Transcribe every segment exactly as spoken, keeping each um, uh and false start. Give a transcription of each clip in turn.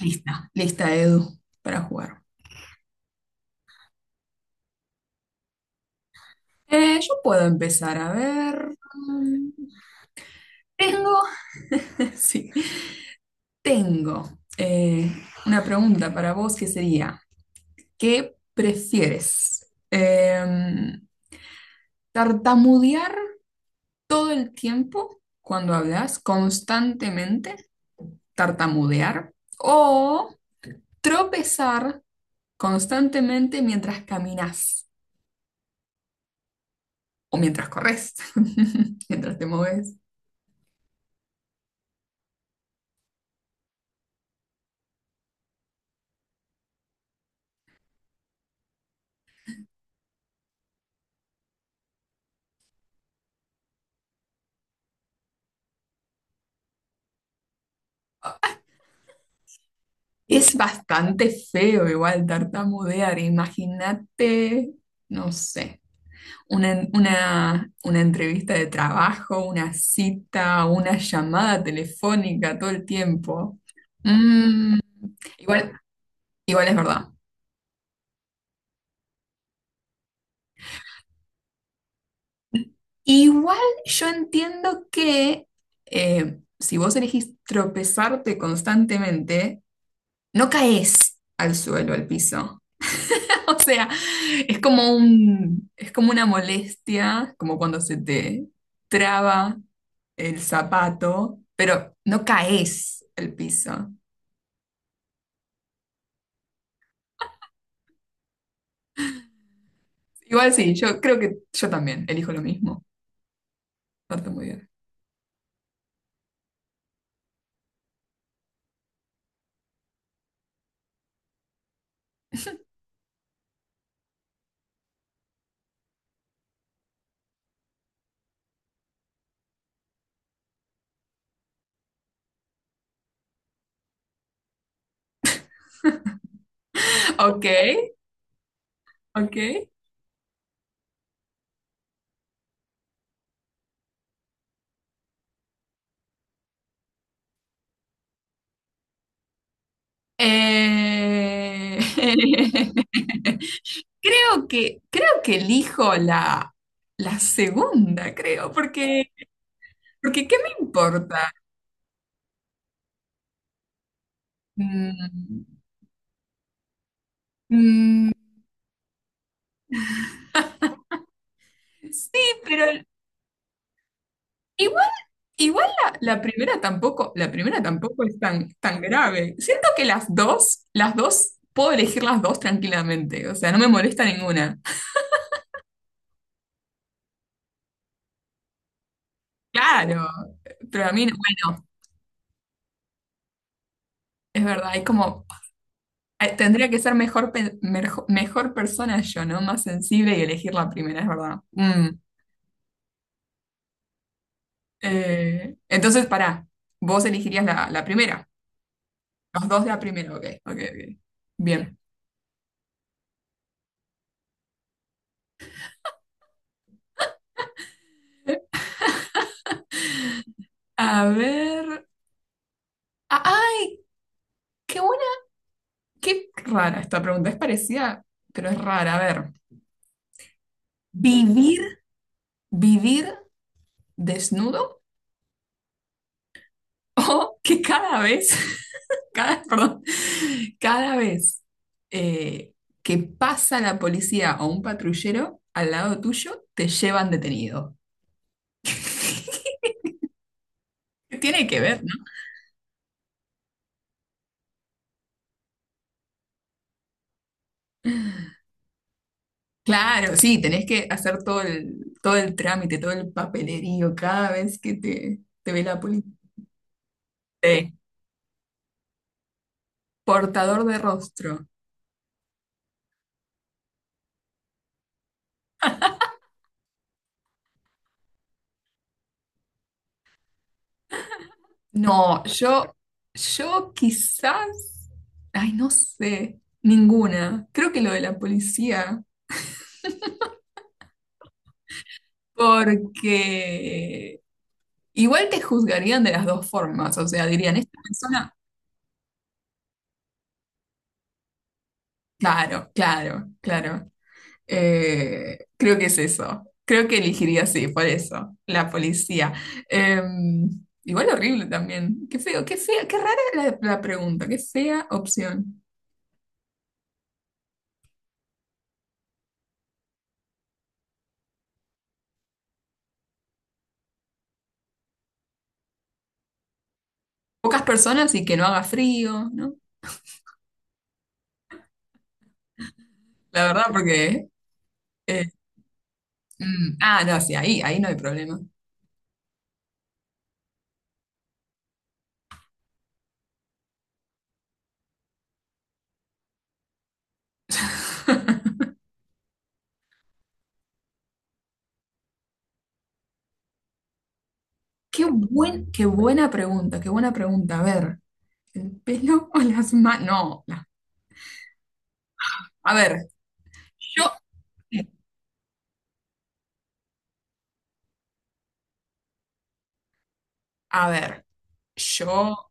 Lista, lista, Edu, para jugar. Eh, yo puedo empezar A ver. mm, Tengo, sí, tengo eh, una pregunta para vos que sería, ¿qué prefieres? Em, ¿tartamudear todo el tiempo cuando hablas, constantemente tartamudear? ¿O tropezar constantemente mientras caminas o mientras corres, mientras te mueves? Es bastante feo igual tartamudear. Imagínate, no sé, una, una, una entrevista de trabajo, una cita, una llamada telefónica todo el tiempo. Mm, igual, igual es verdad. Igual yo entiendo que eh, si vos elegís tropezarte constantemente, no caes al suelo, al piso. O sea, es como un, es como una molestia, como cuando se te traba el zapato, pero no caes el piso. Igual sí, yo creo que yo también elijo lo mismo. No tengo idea. Ok, ok. Eh, Creo que, creo que elijo la, la segunda, creo, porque, porque ¿qué me importa? Mm, mm, sí, pero Igual, igual la, la primera tampoco, la primera tampoco es tan, tan grave. Siento que las dos, las dos, puedo elegir las dos tranquilamente. O sea, no me molesta ninguna. Claro, pero a mí, no- bueno, es verdad, es como, eh, tendría que ser mejor, pe- merjo- mejor persona yo, ¿no? Más sensible y elegir la primera, es verdad. Mm, eh, entonces, pará, vos elegirías la, la primera. Los dos de la primera, ok, ok, ok. Bien. A ver. a- ¡Ay! ¡Qué buena! Qué rara esta pregunta, es parecida, pero es rara. A ver, ¿vivir, vivir desnudo o que cada vez, cada, perdón, cada vez eh, que pasa la policía o un patrullero al lado tuyo, te llevan detenido? Tiene que ver, ¿no? Claro, sí, tenés que hacer todo el, todo el trámite, todo el papelerío cada vez que te, te ve la policía. Sí. Portador de rostro. No, yo, yo quizás, ay, no sé, ninguna. Creo que lo de la policía, porque igual te juzgarían de las dos formas, o sea, dirían, esta persona, claro, claro, claro. Eh, creo que es eso. Creo que elegiría sí, por eso, la policía. Eh, igual horrible también. Qué feo, qué fea, qué rara la, la pregunta, qué fea opción. Pocas personas y que no haga frío, ¿no? La verdad, porque Eh, mm, ah, no, sí, ahí, ahí no hay problema. Qué buen, qué buena pregunta, qué buena pregunta. A ver, ¿el pelo o las manos? No, la- a ver, yo, a ver, yo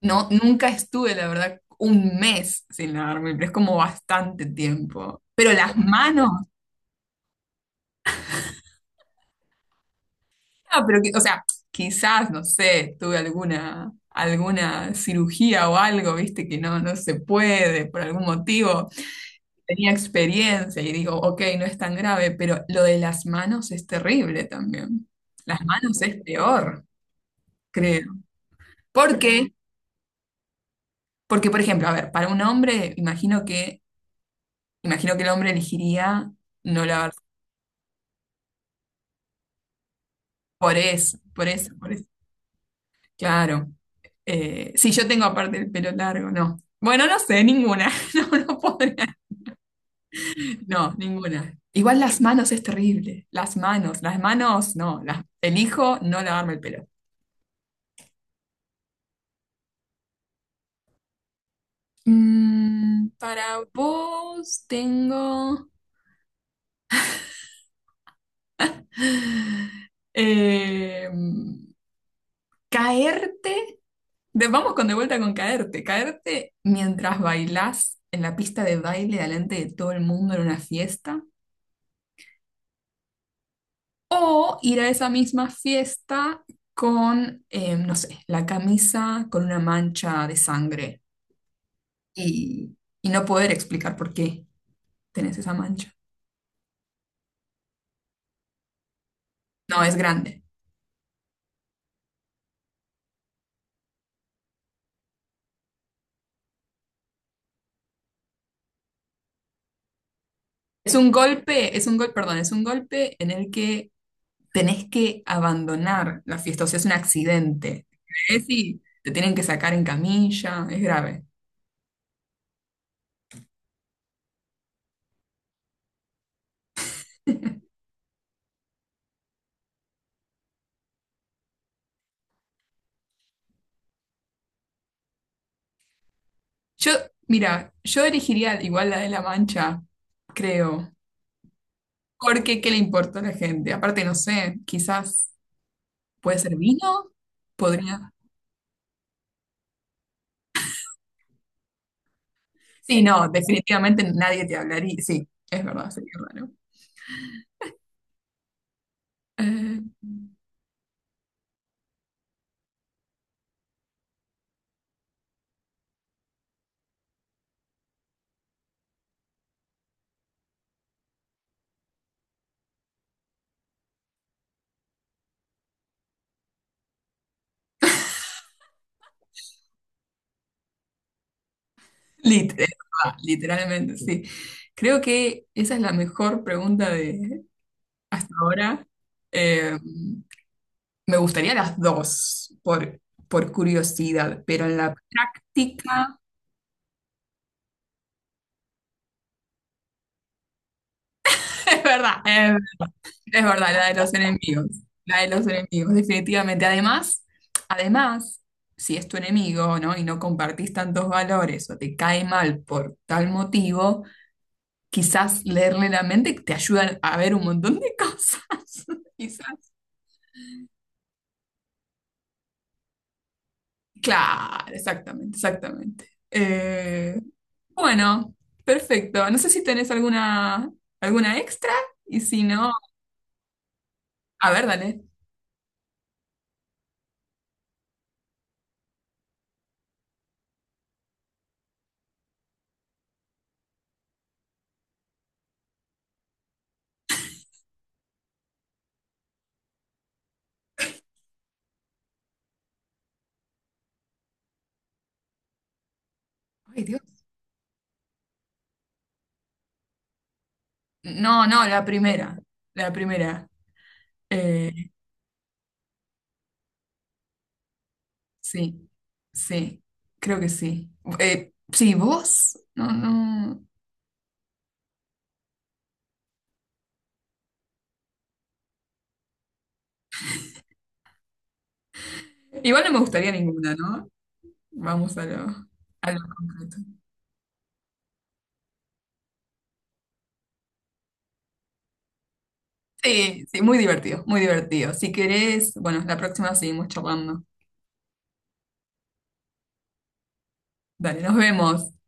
no, nunca estuve, la verdad, un mes sin lavarme, pero es como bastante tiempo. Pero las manos, ah, pero que- o sea, quizás, no sé, tuve alguna, alguna cirugía o algo, viste, que no, no se puede por algún motivo. Tenía experiencia y digo, ok, no es tan grave, pero lo de las manos es terrible también. Las manos es peor, creo. ¿Por qué? Porque, por ejemplo, a ver, para un hombre, imagino que, imagino que el hombre elegiría no lavarse. Por eso, por eso, por eso. Claro. Eh, si yo tengo aparte el pelo largo, no. Bueno, no sé, ninguna. No, no podría. No, ninguna. Igual las manos es terrible. Las manos, las manos, no. Las, elijo no lavarme el pelo. Mm, para vos tengo eh, caerte. De- vamos con de vuelta con caerte. Caerte mientras bailás en la pista de baile delante de todo el mundo en una fiesta. O ir a esa misma fiesta con, eh, no sé, la camisa con una mancha de sangre y, y no poder explicar por qué tenés esa mancha. No, es grande. Es un golpe, es un gol, perdón, es un golpe en el que tenés que abandonar la fiesta, o sea, es un accidente. Es y te tienen que sacar en camilla, es grave. Yo, mira, yo elegiría igual la de La Mancha, creo, porque ¿qué le importa a la gente? Aparte, no sé, quizás puede ser vino, podría. Sí, no, definitivamente nadie te hablaría. Sí, es verdad, sería raro. Eh, Lit- es verdad, literalmente, sí. Creo que esa es la mejor pregunta de hasta ahora. Eh, me gustaría las dos, por, por curiosidad, pero en la práctica, es verdad, eh, es verdad, la de los enemigos, la de los enemigos, definitivamente. Además, además, si es tu enemigo, ¿no? Y no compartís tantos valores o te cae mal por tal motivo, quizás leerle la mente te ayuda a ver un montón de cosas. Quizás. Claro, exactamente, exactamente. Eh, bueno, perfecto. No sé si tenés alguna, alguna extra y si no, a ver, dale. Ay, Dios. No, no, la primera, la primera. Eh, sí, sí, creo que sí. Eh, sí, vos, no, no. Igual no me gustaría ninguna, ¿no? Vamos a lo, a lo concreto. Sí, sí, muy divertido, muy divertido. Si querés, bueno, la próxima seguimos charlando. Dale, nos vemos.